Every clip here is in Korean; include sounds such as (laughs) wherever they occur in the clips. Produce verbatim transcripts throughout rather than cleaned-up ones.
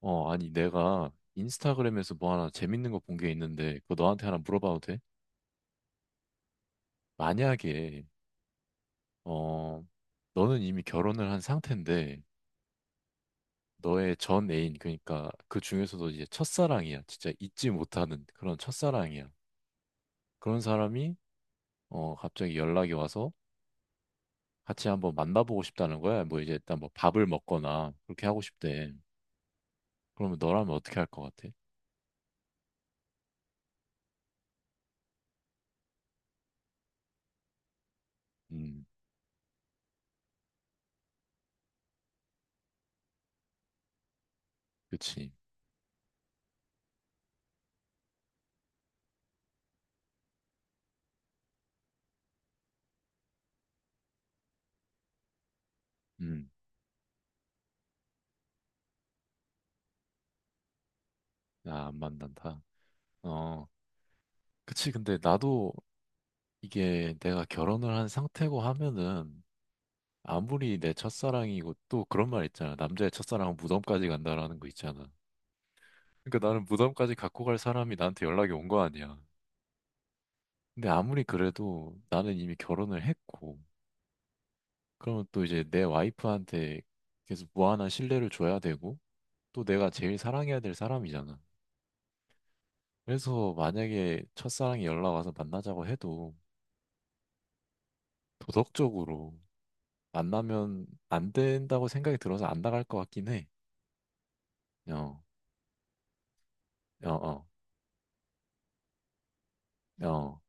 어, 아니, 내가 인스타그램에서 뭐 하나 재밌는 거 본 게 있는데, 그거 너한테 하나 물어봐도 돼? 만약에, 어, 너는 이미 결혼을 한 상태인데, 너의 전 애인, 그러니까 그 중에서도 이제 첫사랑이야. 진짜 잊지 못하는 그런 첫사랑이야. 그런 사람이, 어, 갑자기 연락이 와서 같이 한번 만나보고 싶다는 거야. 뭐 이제 일단 뭐 밥을 먹거나 그렇게 하고 싶대. 그러면 너라면 어떻게 할 것 같아? 음. 그치. 음. 나 안 만난다. 어, 그치. 근데 나도 이게 내가 결혼을 한 상태고 하면은 아무리 내 첫사랑이고 또 그런 말 있잖아. 남자의 첫사랑은 무덤까지 간다라는 거 있잖아. 그러니까 나는 무덤까지 갖고 갈 사람이 나한테 연락이 온 거 아니야. 근데 아무리 그래도 나는 이미 결혼을 했고, 그러면 또 이제 내 와이프한테 계속 무한한 신뢰를 줘야 되고, 또 내가 제일 사랑해야 될 사람이잖아. 그래서 만약에 첫사랑이 연락 와서 만나자고 해도 도덕적으로 만나면 안 된다고 생각이 들어서 안 나갈 것 같긴 해. 어, 어, 어, 어.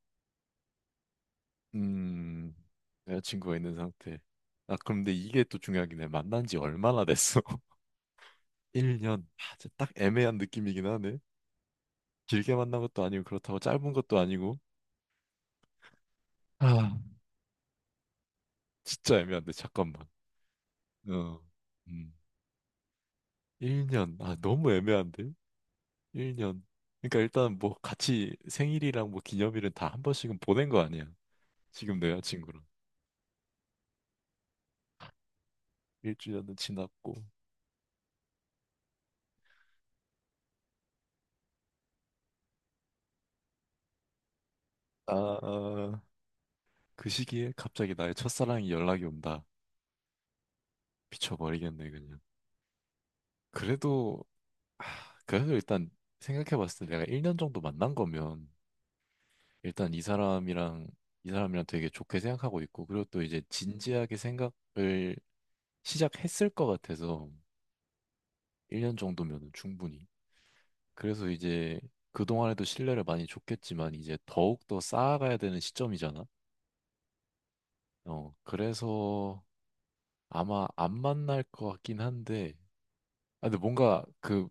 음, 여자친구가 있는 상태. 아, 그럼 근데 이게 또 중요하긴 해. 만난 지 얼마나 됐어? (laughs) 일 년. 아, 진짜 딱 애매한 느낌이긴 하네. 길게 만난 것도 아니고 그렇다고 짧은 것도 아니고. 아, 진짜 애매한데, 잠깐만. 어, 음. 일 년. 아, 너무 애매한데? 일 년. 그러니까 일단 뭐 같이 생일이랑 뭐 기념일은 다 한 번씩은 보낸 거 아니야. 지금 내 여자친구랑. 일주일은 지났고. 아, 그 시기에 갑자기 나의 첫사랑이 연락이 온다. 미쳐버리겠네, 그냥. 그래도, 하, 그래도 일단 생각해봤을 때 내가 일 년 정도 만난 거면 일단 이 사람이랑, 이 사람이랑 되게 좋게 생각하고 있고, 그리고 또 이제 진지하게 생각을 시작했을 것 같아서 일 년 정도면 충분히. 그래서 이제 그동안에도 신뢰를 많이 줬겠지만 이제 더욱더 쌓아가야 되는 시점이잖아. 어, 그래서 아마 안 만날 것 같긴 한데, 아, 근데 뭔가 그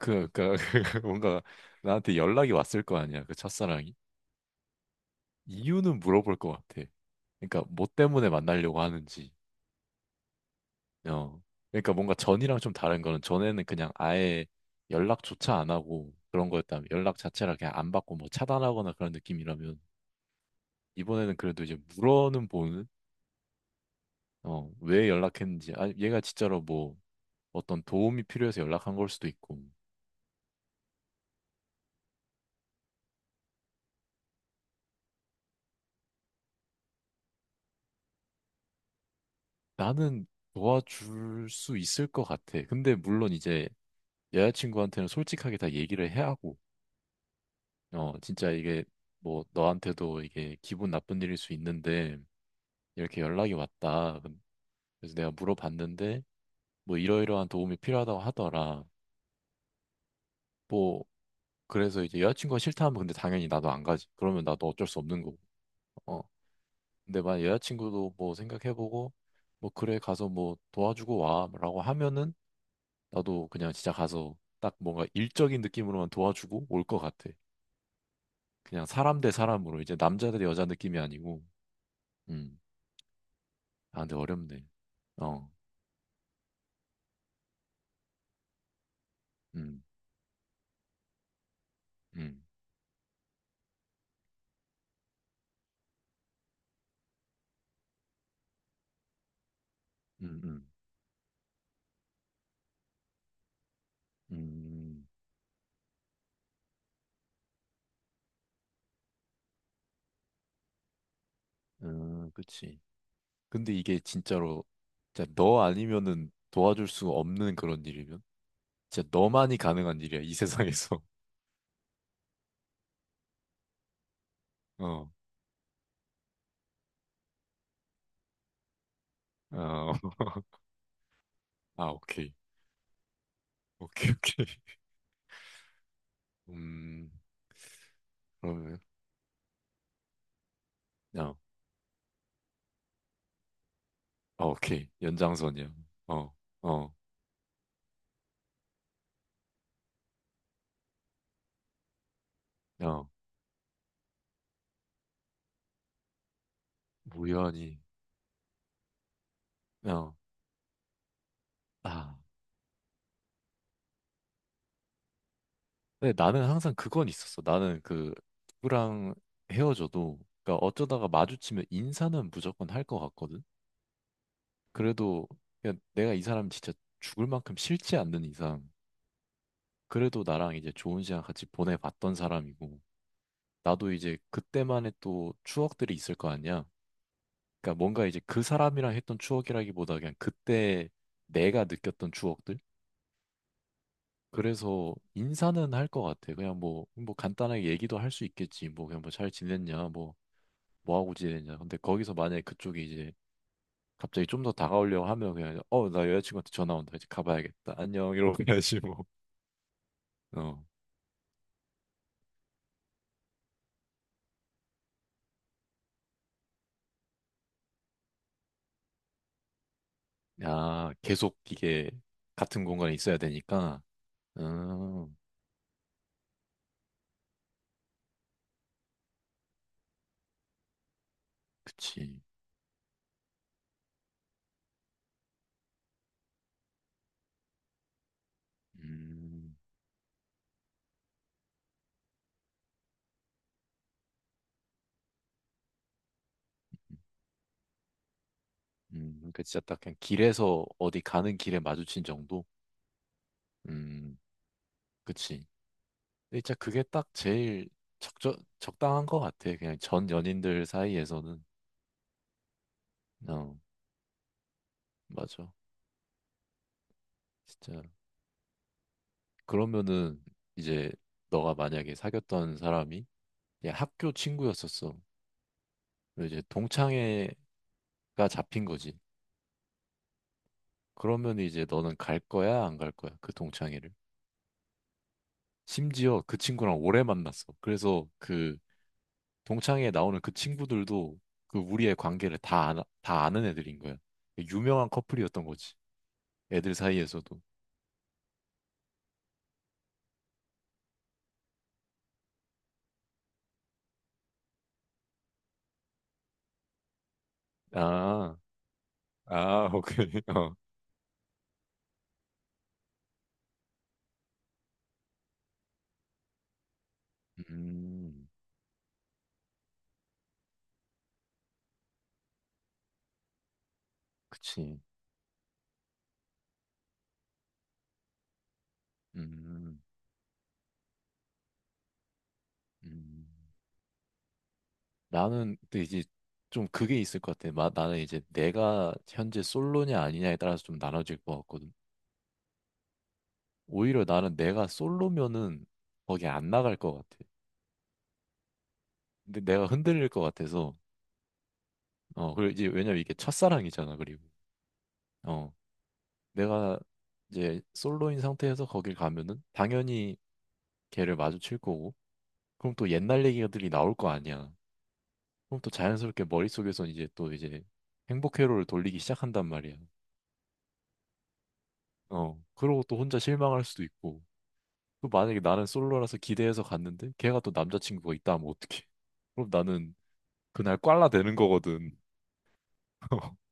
그, 그, (laughs) 뭔가 나한테 연락이 왔을 거 아니야, 그 첫사랑이. 이유는 물어볼 것 같아. 그러니까 뭐 때문에 만나려고 하는지. 어. 그러니까 뭔가 전이랑 좀 다른 거는 전에는 그냥 아예 연락조차 안 하고 그런 거였다면 연락 자체를 그냥 안 받고 뭐 차단하거나 그런 느낌이라면 이번에는 그래도 이제 물어는 보는 어, 왜 연락했는지. 아, 얘가 진짜로 뭐 어떤 도움이 필요해서 연락한 걸 수도 있고. 나는 도와줄 수 있을 것 같아. 근데 물론 이제 여자친구한테는 솔직하게 다 얘기를 해야 하고, 어, 진짜 이게 뭐 너한테도 이게 기분 나쁜 일일 수 있는데 이렇게 연락이 왔다. 그래서 내가 물어봤는데 뭐 이러이러한 도움이 필요하다고 하더라. 뭐 그래서 이제 여자친구가 싫다 하면 근데 당연히 나도 안 가지. 그러면 나도 어쩔 수 없는 거고. 어. 근데 만약 여자친구도 뭐 생각해보고 뭐 그래 가서 뭐 도와주고 와라고 하면은 나도 그냥 진짜 가서 딱 뭔가 일적인 느낌으로만 도와주고 올 것 같아. 그냥 사람 대 사람으로 이제 남자 대 여자 느낌이 아니고 음. 아 근데 어렵네. 어. 음. 음. 음. 음. 음. 음. 그치. 근데 이게 진짜로 진짜 너 아니면은 도와줄 수 없는 그런 일이면 진짜 너만이 가능한 일이야 이 세상에서. (laughs) 어. 어. (laughs) 아 오케이. 오케이 오케이. 음. 그러면 어. 아 오케이. 연장선이야. 어. 어. 어. 무연히. 어. 아. 근데 나는 항상 그건 있었어. 나는 그 누구랑 헤어져도 그러니까 어쩌다가 마주치면 인사는 무조건 할 것 같거든. 그래도 그냥 내가 이 사람 진짜 죽을 만큼 싫지 않는 이상 그래도 나랑 이제 좋은 시간 같이 보내봤던 사람이고 나도 이제 그때만의 또 추억들이 있을 거 아니야. 그러니까 뭔가 이제 그 사람이랑 했던 추억이라기보다 그냥 그때 내가 느꼈던 추억들. 그래서 인사는 할 것 같아. 그냥 뭐, 뭐 간단하게 얘기도 할 수 있겠지. 뭐 그냥 뭐 잘 지냈냐. 뭐 뭐 하고 지내냐. 근데 거기서 만약에 그쪽이 이제 갑자기 좀 더 다가오려고 하면 그냥 어, 나 여자친구한테 전화 온다. 이제 가봐야겠다. 안녕. 이러고 가야지 뭐. 어. 야, 계속 이게 같은 공간에 있어야 되니까. 음, 그치. 음, 음, 그러니까 진짜 딱 그냥 길에서 어디 가는 길에 마주친 정도? 음, 그치. 근데 진짜 그게 딱 제일 적절, 적당한 것 같아. 그냥 전 연인들 사이에서는. 어, 맞아. 진짜. 그러면은 이제 너가 만약에 사귀었던 사람이 이제 학교 친구였었어. 그리고 이제 동창회가 잡힌 거지. 그러면 이제 너는 갈 거야, 안 갈 거야? 그 동창회를. 심지어 그 친구랑 오래 만났어. 그래서 그 동창회에 나오는 그 친구들도 그 우리의 관계를 다, 아나- 다 아는 애들인 거야. 유명한 커플이었던 거지. 애들 사이에서도. 아, 아, 오케이. (laughs) 어. 음, 그치. 음, 음. 나는 근데 이제 좀 그게 있을 것 같아. 마, 나는 이제 내가 현재 솔로냐 아니냐에 따라서 좀 나눠질 것 같거든. 오히려 나는 내가 솔로면은 거기 안 나갈 것 같아. 근데 내가 흔들릴 것 같아서 어 그리고 이제 왜냐면 이게 첫사랑이잖아. 그리고 어 내가 이제 솔로인 상태에서 거길 가면은 당연히 걔를 마주칠 거고 그럼 또 옛날 얘기들이 나올 거 아니야. 그럼 또 자연스럽게 머릿속에선 이제 또 이제 행복 회로를 돌리기 시작한단 말이야. 어, 그러고 또 혼자 실망할 수도 있고. 그 만약에 나는 솔로라서 기대해서 갔는데 걔가 또 남자친구가 있다 하면 어떡해? 그럼 나는 그날 꽐라 되는 거거든. (laughs)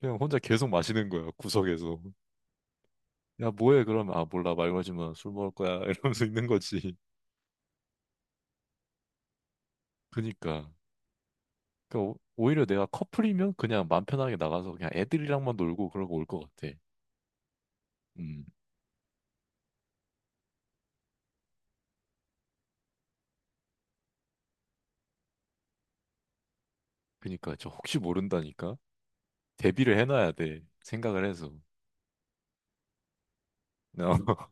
그냥 혼자 계속 마시는 거야, 구석에서. 야, 뭐해? 그러면, 아, 몰라, 말 걸지 마. 술 먹을 거야. (laughs) 이러면서 있는 거지. 그니까. 그니까, 오- 오히려 내가 커플이면 그냥 맘 편하게 나가서 그냥 애들이랑만 놀고 그러고 올 것 같아. 음. 그니까, 저 혹시 모른다니까? 대비를 해놔야 돼. 생각을 해서. (laughs)